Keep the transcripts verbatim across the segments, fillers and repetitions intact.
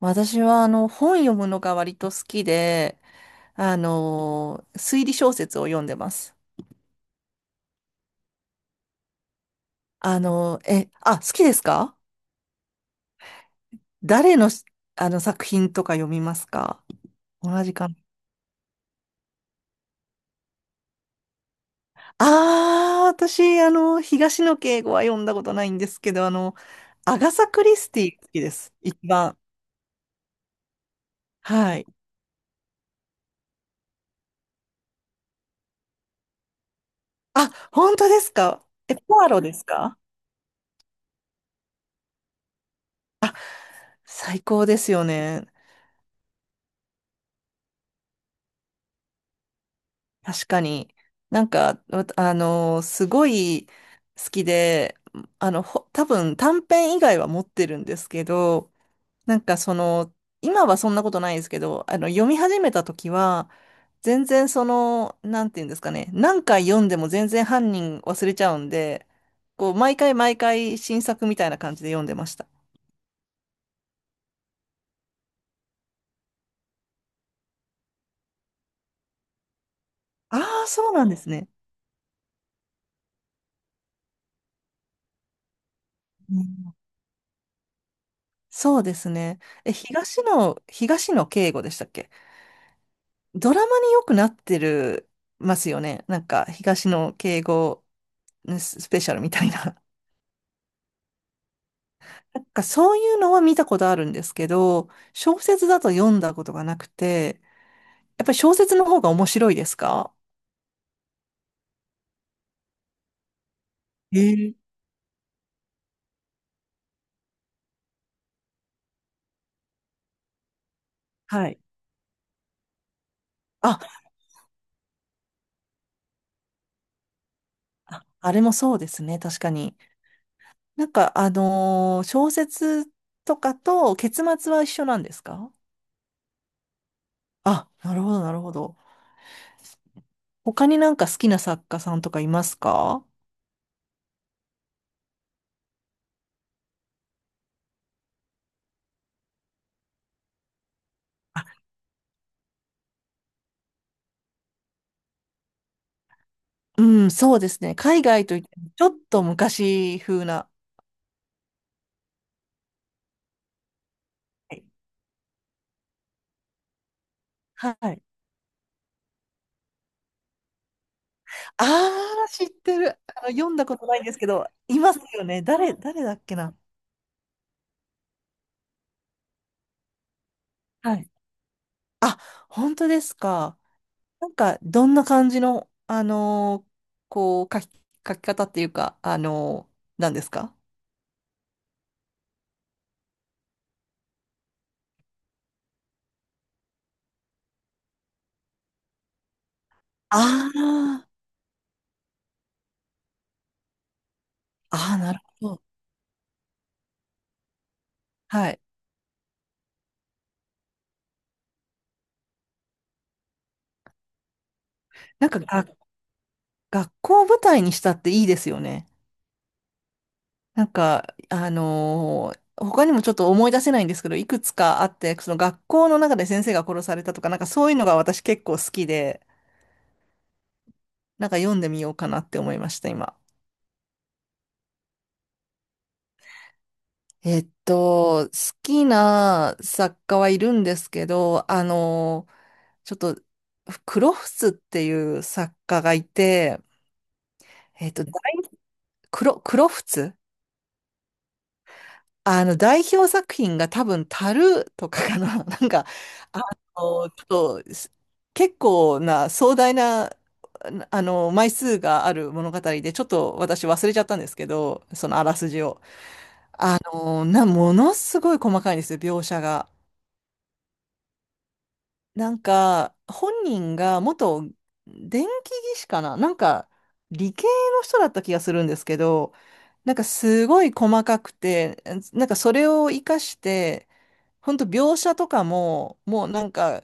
私はあの本読むのが割と好きで、あの推理小説を読んでます。あの、え、あ、好きですか？誰のし、あの作品とか読みますか？同じかな。ああ、私、あの、東野圭吾は読んだことないんですけど、あの、アガサ・クリスティ好きです。一番。はい。あ、本当ですか？え、ポアロですか？最高ですよね。確かに。なんか、わあのすごい好きで、あの、ほ多分短編以外は持ってるんですけど、なんかその、今はそんなことないですけど、あの、読み始めた時は、全然その、なんていうんですかね、何回読んでも全然犯人忘れちゃうんで、こう、毎回毎回新作みたいな感じで読んでました。ああ、そうなんですね。うん。そうですね。え、東野、東野圭吾でしたっけ？ドラマによくなってるますよね。なんか、東野敬吾スペシャルみたいな。なんか、そういうのは見たことあるんですけど、小説だと読んだことがなくて、やっぱり小説の方が面白いですか？ええ。はい。あ、ああれもそうですね、確かに。なんか、あのー小説とかと結末は一緒なんですか？あ、なるほど、なるほど。他になんか好きな作家さんとかいますか？うん、そうですね。海外といっても、ちょっと昔風な。はい。ああ、知ってる。あの、読んだことないんですけど、いますよね。誰、誰だっけな。はい。あ、本当ですか。なんか、どんな感じの、あのーこう、書き、書き方っていうか、あのーなんですか？ああー、あー、なるほど。はい。なんかが、学校を舞台にしたっていいですよね。なんか、あのー他にもちょっと思い出せないんですけど、いくつかあって、その学校の中で先生が殺されたとか、なんかそういうのが私結構好きで、なんか読んでみようかなって思いました、今。えっと、好きな作家はいるんですけど、あのちょっと、クロフツっていう作家がいて、えっと、大クロ、クロフツ。あの、代表作品が多分、タルーとかかな。なんか、あの、ちょっと、す結構な壮大な、あの、枚数がある物語で、ちょっと私忘れちゃったんですけど、そのあらすじを。あの、な、ものすごい細かいんですよ、描写が。なんか、本人が元電気技師かな、なんか、理系の人だった気がするんですけど、なんかすごい細かくて、なんかそれを活かして、本当描写とかも、もうなんか、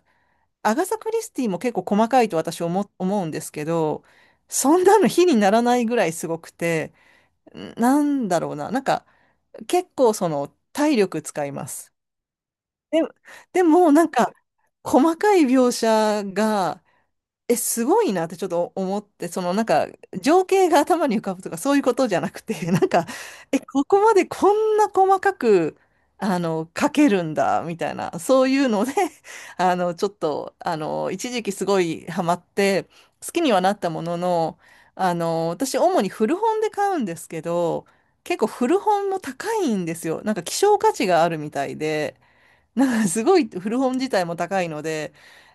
アガサ・クリスティも結構細かいと私思、思うんですけど、そんなの比にならないぐらいすごくて、んなんだろうな、なんか結構その体力使います。で、でもなんか細かい描写がえ、すごいなってちょっと思って、そのなんか情景が頭に浮かぶとかそういうことじゃなくて、なんか、え、ここまでこんな細かく、あの、書けるんだ、みたいな、そういうので、あの、ちょっと、あの、一時期すごいハマって、好きにはなったものの、あの、私主に古本で買うんですけど、結構古本も高いんですよ。なんか希少価値があるみたいで、なんかすごい古本自体も高いので、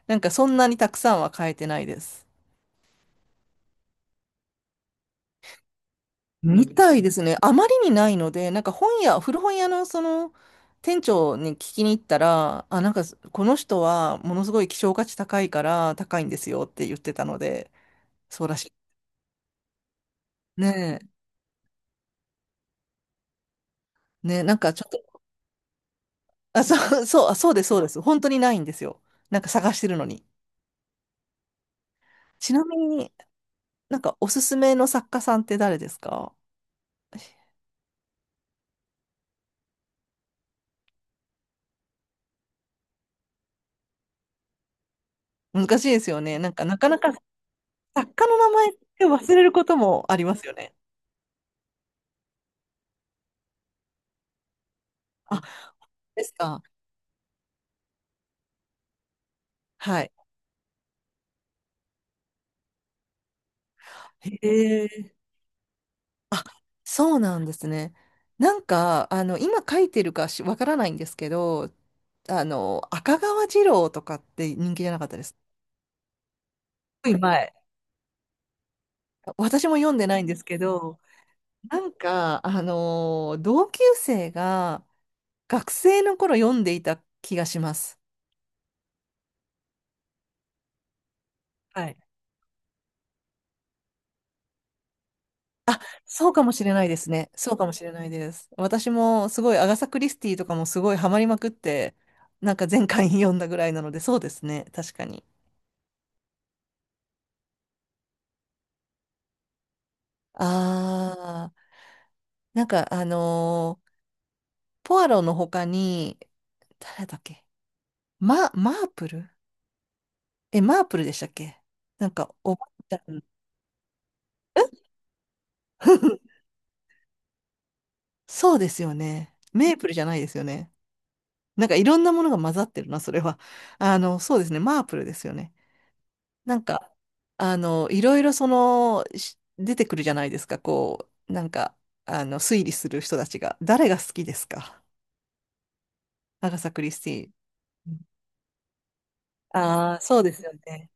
なんかそんなにたくさんは買えてないです。うん。みたいですね。あまりにないので、なんか本屋、古本屋のその店長に聞きに行ったら、あ、なんかこの人はものすごい希少価値高いから高いんですよって言ってたので、そうらしい。ねえ、ねえ、なんかちょっと、あ、そう、そう、あ、そうです、そうです。本当にないんですよ。なんか探してるのに。ちなみに、なんかおすすめの作家さんって誰ですか？難しいですよね。なんかなかなか作家の名前って忘れることもありますよね。あ、ですか。はい。へえ。あ、そうなんですね。なんか、あの、今書いてるかしわからないんですけど、あの、赤川次郎とかって人気じゃなかったです。すごい前。私も読んでないんですけど、なんか、あの、同級生が学生の頃読んでいた気がします。はい。そうかもしれないですね。そうかもしれないです。私もすごいアガサ・クリスティとかもすごいハマりまくって、なんか前回読んだぐらいなので、そうですね。確かに。あー、なんかあのーポアロの他に、誰だっけ？マ、マープル。え、マープルでしたっけ？なんか、おばあちゃん。そうですよね。メープルじゃないですよね。なんかいろんなものが混ざってるな、それは。あの、そうですね。マープルですよね。なんか、あの、いろいろその、し出てくるじゃないですか、こう、なんか、あの、推理する人たちが。誰が好きですか？アガサ・クリスティーン。ああ、そうですよね。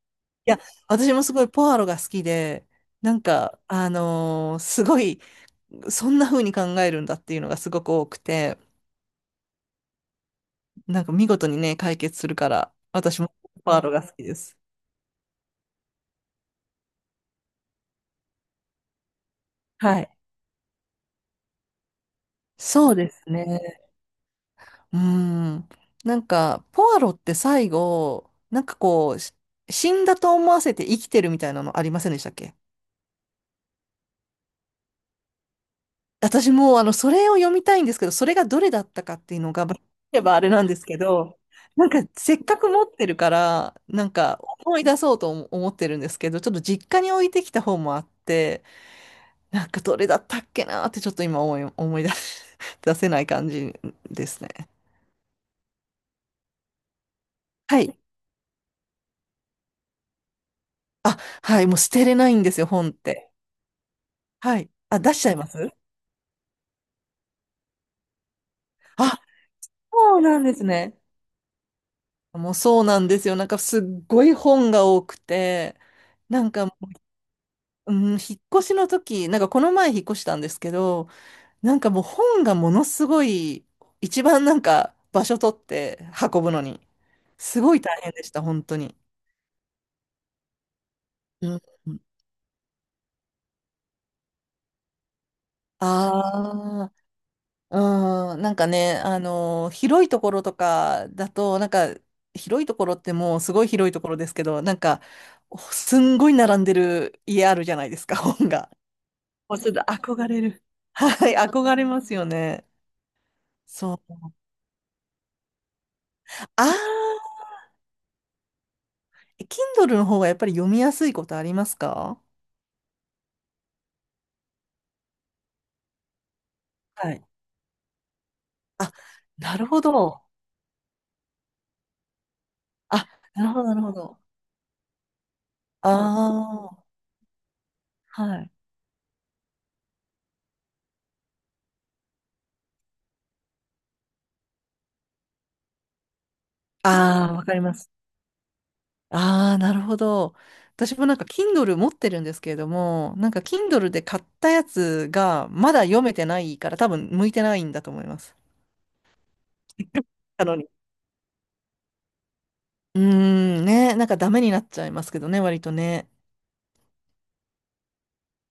いや、私もすごいポアロが好きで、なんか、あのーすごい、そんな風に考えるんだっていうのがすごく多くて、なんか見事にね、解決するから、私もポアロが好きです。はい。そうですね。うーん。なんか、ポアロって最後、なんかこう、し死んだと思わせて生きてるみたいなのありませんでしたっけ？私もう、あの、それを読みたいんですけど、それがどれだったかっていうのが、まあ聞けばあれなんですけど、なんか、せっかく持ってるから、なんか、思い出そうと思思ってるんですけど、ちょっと実家に置いてきた本もあって、なんか、どれだったっけなーって、ちょっと今思い、思い出し 出せない感じですね。はい。あ、はい、もう捨てれないんですよ、本って。はい。あ、出しちゃいます？あ、そうなんですね。もうそうなんですよ。なんかすっごい本が多くて、なんか、うん、引っ越しの時、なんかこの前引っ越したんですけど、なんかもう本がものすごい、一番なんか場所取って運ぶのに、すごい大変でした、本当に。うん。あうん、なんかね、あのー広いところとかだと、なんか、広いところってもうすごい広いところですけど、なんか、すんごい並んでる家あるじゃないですか、本が。もうちょっと憧れる。はい、憧れますよね。そう。あー、Kindle の方がやっぱり読みやすいことありますか？はい。あ、なるほど。あ、なるほど、なるほど。ああ、はい。ああ、わかります。ああ、なるほど。私もなんか Kindle 持ってるんですけれども、なんか キンドル で買ったやつがまだ読めてないから多分向いてないんだと思います。なのに。うーん、ね、なんかダメになっちゃいますけどね、割とね。